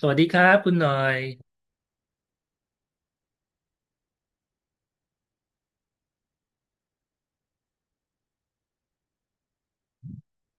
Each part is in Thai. สวัสดีครับคุณหน่อย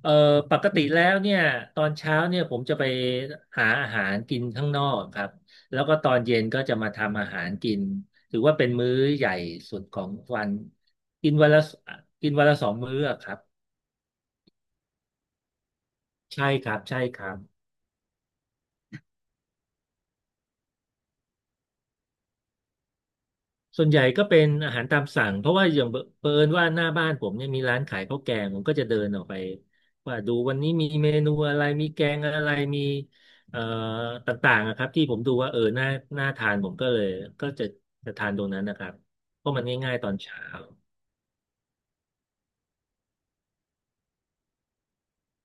เอ่อปกติแล้วเนี่ยตอนเช้าเนี่ยผมจะไปหาอาหารกินข้างนอกครับแล้วก็ตอนเย็นก็จะมาทำอาหารกินถือว่าเป็นมื้อใหญ่สุดของวันกินวันละกินวันละ2 มื้ออะครับใช่ครับใช่ครับ ส่วนใหญ่ก็เป็นอาหารตามสั่งเพราะว่าอย่างเผอิญว่าหน้าบ้านผมเนี่ยมีร้านขายข้าวแกงผมก็จะเดินออกไปว่าดูวันนี้มีเมนูอะไรมีแกงอะไรมีเอ่อต่างๆนะครับที่ผมดูว่าเออน่าทานผมก็เลยก็จะทานตรงนั้นนะครับเพราะมันง่ายๆตอนเช้า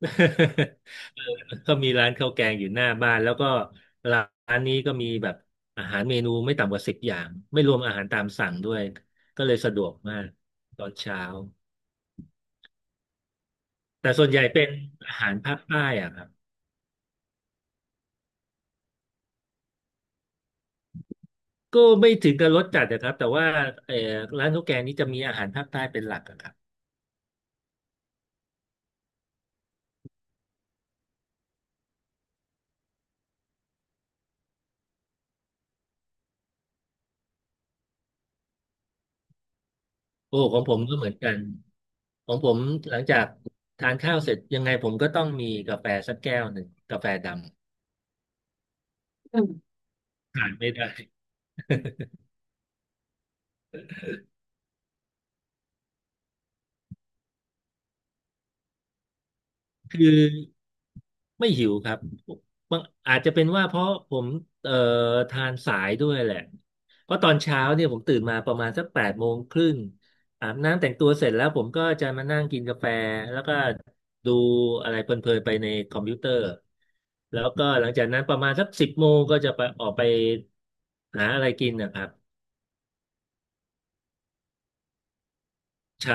เออก็มีร้านข้าวแกงอยู่หน้าบ้านแล้วก็ร้านนี้ก็มีแบบอาหารเมนูไม่ต่ำกว่า10 อย่างไม่รวมอาหารตามสั่งด้วยก็เลยสะดวกมากตอนเช้า แต่ส่วนใหญ่เป็นอาหารภาคใต้อะครับก็ไม่ถึงกับรสจัดนะครับแต่ว่าเออร้านข้าวแกงนี้จะมีอาหารภาคใต้เป็นหลักอะครับโอ้ของผมก็เหมือนกันของผมหลังจากทานข้าวเสร็จยังไงผมก็ต้องมีกาแฟสักแก้วหนึ่งกาแฟดอำขาดไม่ได้ คือไม่หิวครับบางอาจจะเป็นว่าเพราะผมเอ่อทานสายด้วยแหละเพราะตอนเช้าเนี่ยผมตื่นมาประมาณสัก8 โมงครึ่งอาบน้ำแต่งตัวเสร็จแล้วผมก็จะมานั่งกินกาแฟแล้วก็ดูอะไรเพลินๆไปในคอมพิวเตอร์แล้วก็หลังจากนั้นประมาณสัก10 โมงก็จะไปออกไปหาอะไรกินนะครับใช่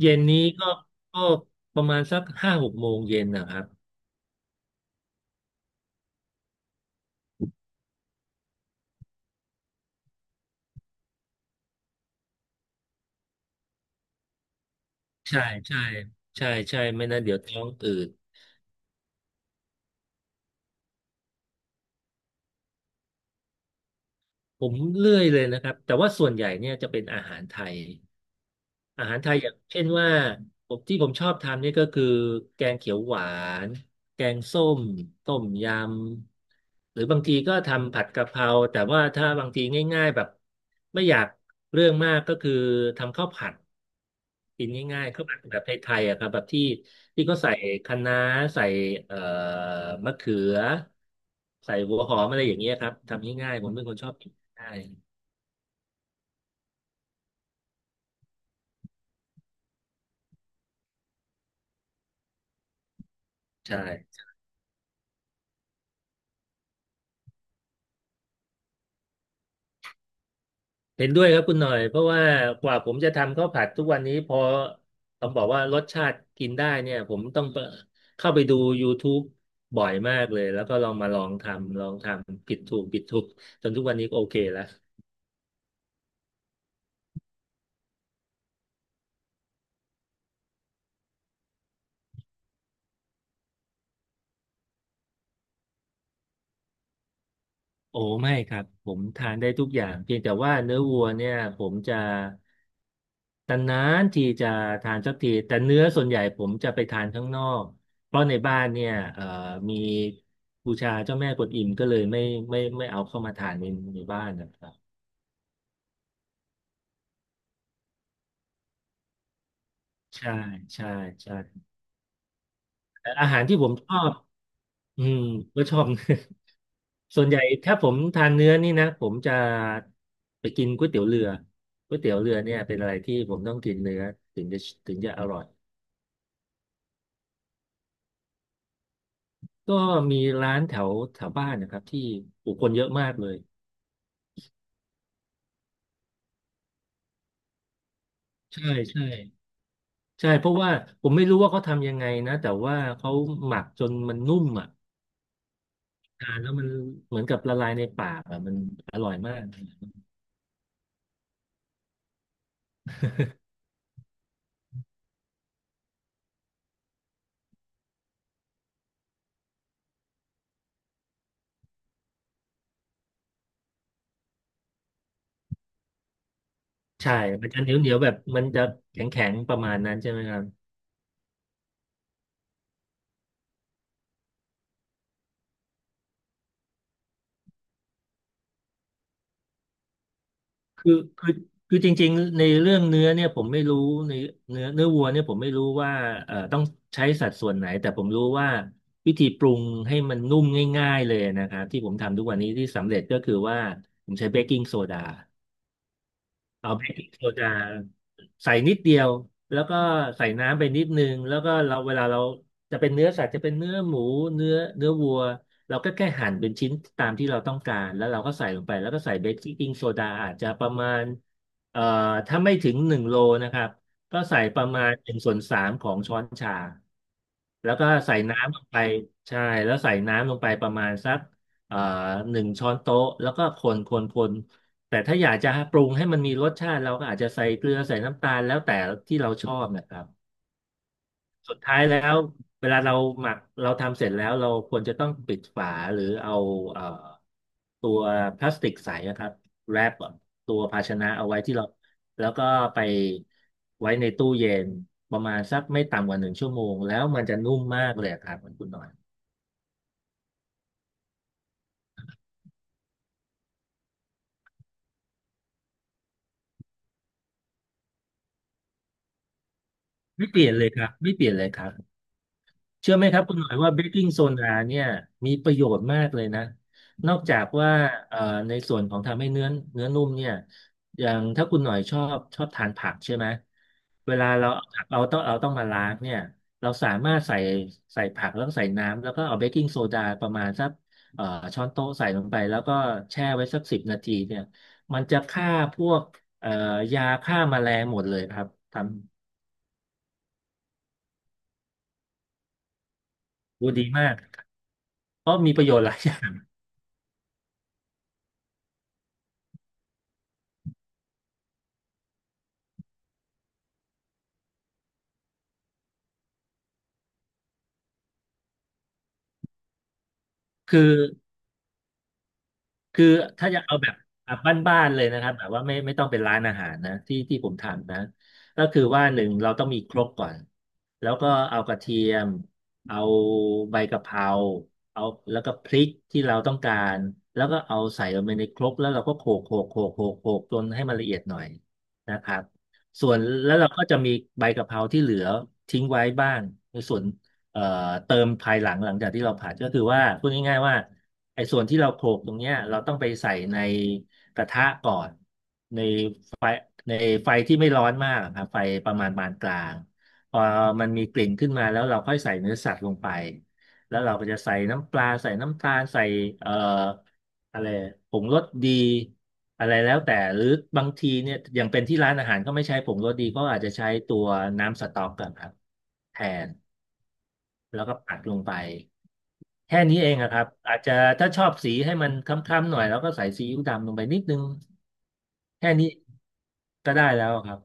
เย็นนี้ก็ประมาณสัก5-6 โมงเย็นนะครับ ใช่ใช่ใช่ใช่ไม่นั้นเดี๋ยวท้องอืดผมเลื่อยเลยนะครับแต่ว่าส่วนใหญ่เนี่ยจะเป็นอาหารไทย อาหารไทยอย่างเช่นว่าที่ผมชอบทำนี่ก็คือแกงเขียวหวานแกงส้มต้มยำหรือบางทีก็ทำผัดกะเพราแต่ว่าถ้าบางทีง่ายๆแบบไม่อยากเรื่องมากก็คือทำข้าวผัดกินง่ายๆข้าวผัดแบบไทยๆอะครับแบบที่เขาใส่คะน้าใส่เอ่อมะเขือใส่หัวหอมอะไรอย่างเงี้ยครับทำง่ายๆผมเป็นคนชอบกินง่ายใช่ เห็นด้วยครับคุณหน่อยเพราะว่ากว่าผมจะทำข้าวผัดทุกวันนี้พอต้องบอกว่ารสชาติกินได้เนี่ยผมต้องไปเข้าไปดู YouTube บ่อยมากเลยแล้วก็ลองมาลองทำลองทำผิดถูกผิดถูกจนทุกวันนี้ก็โอเคแล้ว โอ้ไม่ครับผมทานได้ทุกอย่างเพียงแต่ว่าเนื้อวัวเนี่ยผมจะตนานๆทีจะทานสักทีแต่เนื้อส่วนใหญ่ผมจะไปทานข้างนอกเพราะในบ้านเนี่ยมีบูชาเจ้าแม่กวนอิมก็เลยไม่เอาเข้ามาทานในบ้านนะครับใช่ใช่ใช่แต่อาหารที่ผมชอบอืมก็ชอบ ส่วนใหญ่ถ้าผมทานเนื้อนี่นะผมจะไปกินก๋วยเตี๋ยวเรือก๋วยเตี๋ยวเรือเนี่ยเป็นอะไรที่ผมต้องกินเนื้อถึงจะถึงจะอร่อยก็มีร้านแถวแถวบ้านนะครับที่ผู้คนเยอะมากเลยใช่ใช่ใช่เพราะว่าผมไม่รู้ว่าเขาทำยังไงนะแต่ว่าเขาหมักจนมันนุ่มอ่ะทานแล้วมันเหมือนกับละลายในปากอ่ะมันอร่อยมากใช่มันจะเหนียวเหนียวแบบมันจะแข็งแข็งประมาณนั้นใช่ไหมครับ คือคือคือจริงๆในเรื่องเนื้อเนี่ยผมไม่รู้ในเนื้อวัวเนี่ยผมไม่รู้ว่าต้องใช้สัดส่วนไหนแต่ผมรู้ว่าวิธีปรุงให้มันนุ่มง่ายๆเลยนะครับที่ผมทำทุกวันนี้ที่สำเร็จก็คือว่าผมใช้เบกกิ้งโซดา เอาเบกกิ้งโซดาใส่นิดเดียวแล้วก็ใส่น้ำไปนิดนึงแล้วก็เราเวลาเราจะเป็นเนื้อสัตว์จะเป็นเนื้อหมูเนื้อวัวเราก็แค่หั่นเป็นชิ้นตามที่เราต้องการแล้วเราก็ใส่ลงไปแล้วก็ใส่เบกกิ้งโซดาอาจจะประมาณเอ่อถ้าไม่ถึง1 โลนะครับก็ใส่ประมาณ1/3 ของช้อนชาแล้วก็ใส่น้ำลงไปใช่แล้วใส่น้ำลงไปประมาณสักเอ่อ1 ช้อนโต๊ะแล้วก็คนคนคน แต่ถ้าอยากจะปรุงให้มันมีรสชาติเราก็อาจจะใส่เกลือใส่น้ำตาลแล้วแต่ที่เราชอบนะครับสุดท้ายแล้วเวลาเราหมักเราทำเสร็จแล้วเราควรจะต้องปิดฝาหรือเอาเอ่อตัวพลาสติกใสนะครับแรปตัวภาชนะเอาไว้ที่เราแล้วก็ไปไว้ในตู้เย็นประมาณสักไม่ต่ำกว่าหนึ่งชั่วโมงแล้วมันจะนุ่มมากเลยครับคุณหน่อยไม่เปลี่ยนเลยครับไม่เปลี่ยนเลยครับ เชื่อไหมครับคุณหน่อยว่าเบกกิ้งโซดาเนี่ยมีประโยชน์มากเลยนะนอกจากว่าเอ่อในส่วนของทำให้เนื้อนุ่มเนี่ยอย่างถ้าคุณหน่อยชอบทานผักใช่ไหมเวลาเราเอาผักเราต้องมาล้างเนี่ยเราสามารถใส่ผักแล้วก็ใส่น้ำแล้วก็เอาเบกกิ้งโซดาประมาณสักเอ่อช้อนโต๊ะใส่ลงไปแล้วก็แช่ไว้สักสิบนาทีเนี่ยมันจะฆ่าพวกเอ่อยาฆ่าแมลงหมดเลยครับทำดูดีมากเพราะมีประโยชน์หลายอย่างคือ คือถ้าจะเอาแบบแบบบ้านๆเลยนะครับแบบว่าไม่ต้องเป็นร้านอาหารนะที่ผมทำนะก็คือว่าหนึ่งเราต้องมีครกก่อนแล้วก็เอากระเทียมเอาใบกะเพราเอาแล้วก็พริกที่เราต้องการแล้วก็เอาใส่ลงไปในครกแล้วเราก็โขกโขกโขกโขกโขกจนให้มันละเอียดหน่อยนะครับส่วนแล้วเราก็จะมีใบกะเพราที่เหลือทิ้งไว้บ้างในส่วนเอ่อเติมภายหลังจากที่เราผัดก็คือว่าพูดง่ายๆว่า ไอ้ส่วนที่เราโขลกตรงเนี้ยเราต้องไปใส่ในกระทะก่อนในไฟในไฟที่ไม่ร้อนมากครับไฟประมาณปานกลางพอมันมีกลิ่นขึ้นมาแล้วเราค่อยใส่เนื้อสัตว์ลงไปแล้วเราก็จะใส่น้ำปลาใส่น้ำตาลใส่เอ่ออะไรผงรสดีอะไรแล้วแต่หรือบางทีเนี่ยอย่างเป็นที่ร้านอาหารก็ไม่ใช้ผงรสดีก็อาจจะใช้ตัวน้ำสต๊อกกันครับแทนแล้วก็ปัดลงไป แค่นี้เองอะครับอาจจะถ้าชอบสีให้มันค้ำๆหน่อยแล้วก็ใส่ซีอิ๊วดำลงไปนิดนึงแค่นี้ก็ได้แล้วครับ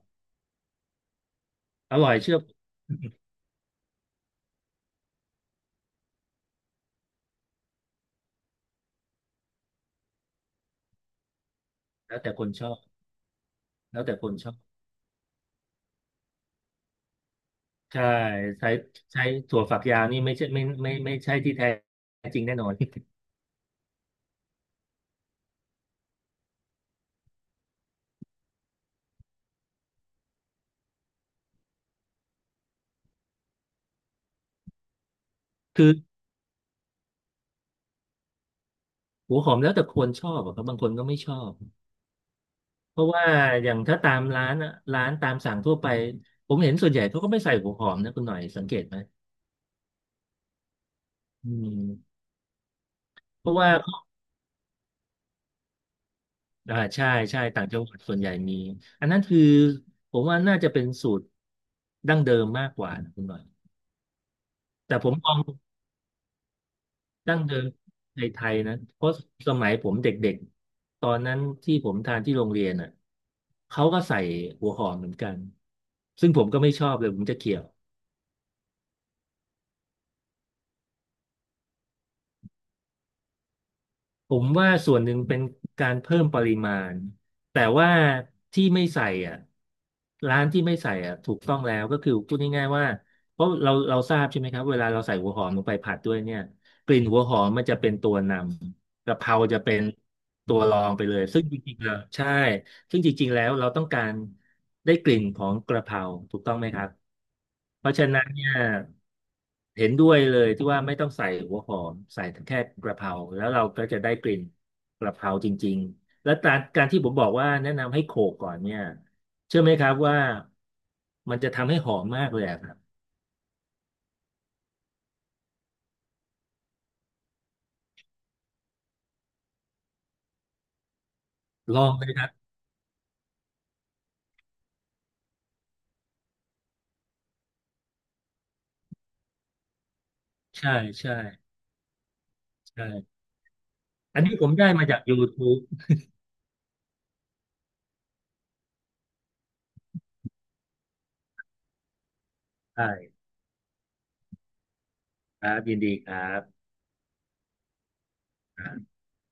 อร่อยเชื่อผมแล้วแต่คนชอบแล้วแต่คนชอบใช่ใช้ใช้ถั่วฝักยาวนี่ไม่ใช่ไม่ไม่ไม่ไม่ใช่ที่แท้จริงแน่นอน คือหัวหอมแล้วแต่คนชอบอะครับบางคนก็ไม่ชอบเพราะว่าอย่างถ้าตามร้านอะร้านตามสั่งทั่วไปผมเห็นส่วนใหญ่เขาก็ไม่ใส่หัวหอมนะคุณหน่อยสังเกตไหมอืมเพราะว่า ใช่ใช่ต่างจังหวัดส่วนใหญ่มีอันนั้นคือผมว่าน่าจะเป็นสูตรดั้งเดิมมากกว่านะคุณหน่อยแต่ผมมองดั้งเดิมในไทยนะเพราะสมัยผมเด็กๆตอนนั้นที่ผมทานที่โรงเรียนอ่ะเขาก็ใส่หัวหอมเหมือนกันซึ่งผมก็ไม่ชอบเลยผมจะเกลียด ผมว่าส่วนหนึ่งเป็นการเพิ่มปริมาณแต่ว่าที่ไม่ใส่อ่ะร้านที่ไม่ใส่อ่ะถูกต้องแล้วก็คือพูดง่ายๆว่าเพราะเราทราบใช่ไหมครับเวลาเราใส่หัวหอมลงไปผัดด้วยเนี่ยกลิ่นหัวหอมมันจะเป็นตัวนำกะเพราจะเป็นตัวรองไปเลยซึ่งจริงๆแล้วใช่ซึ่งจริงๆแล้วเราต้องการได้กลิ่นของกระเพราถูกต้องไหมครับเพราะฉะนั้นเนี่ย เห็นด้วยเลยที่ว่าไม่ต้องใส่หัวหอมใส่แค่กระเพราแล้วเราก็จะได้กลิ่นกระเพราจริงๆแล้วการที่ผมบอกว่าแนะนำให้โขลกก่อนเนี่ยเชื่อไหมครับว่ามันจะทำให้หอมมากเลยอะครับลองเลยครับใช่ใช่ใช่อันนี้ผมได้มาจาก YouTube ใช่ครับยินดีครับ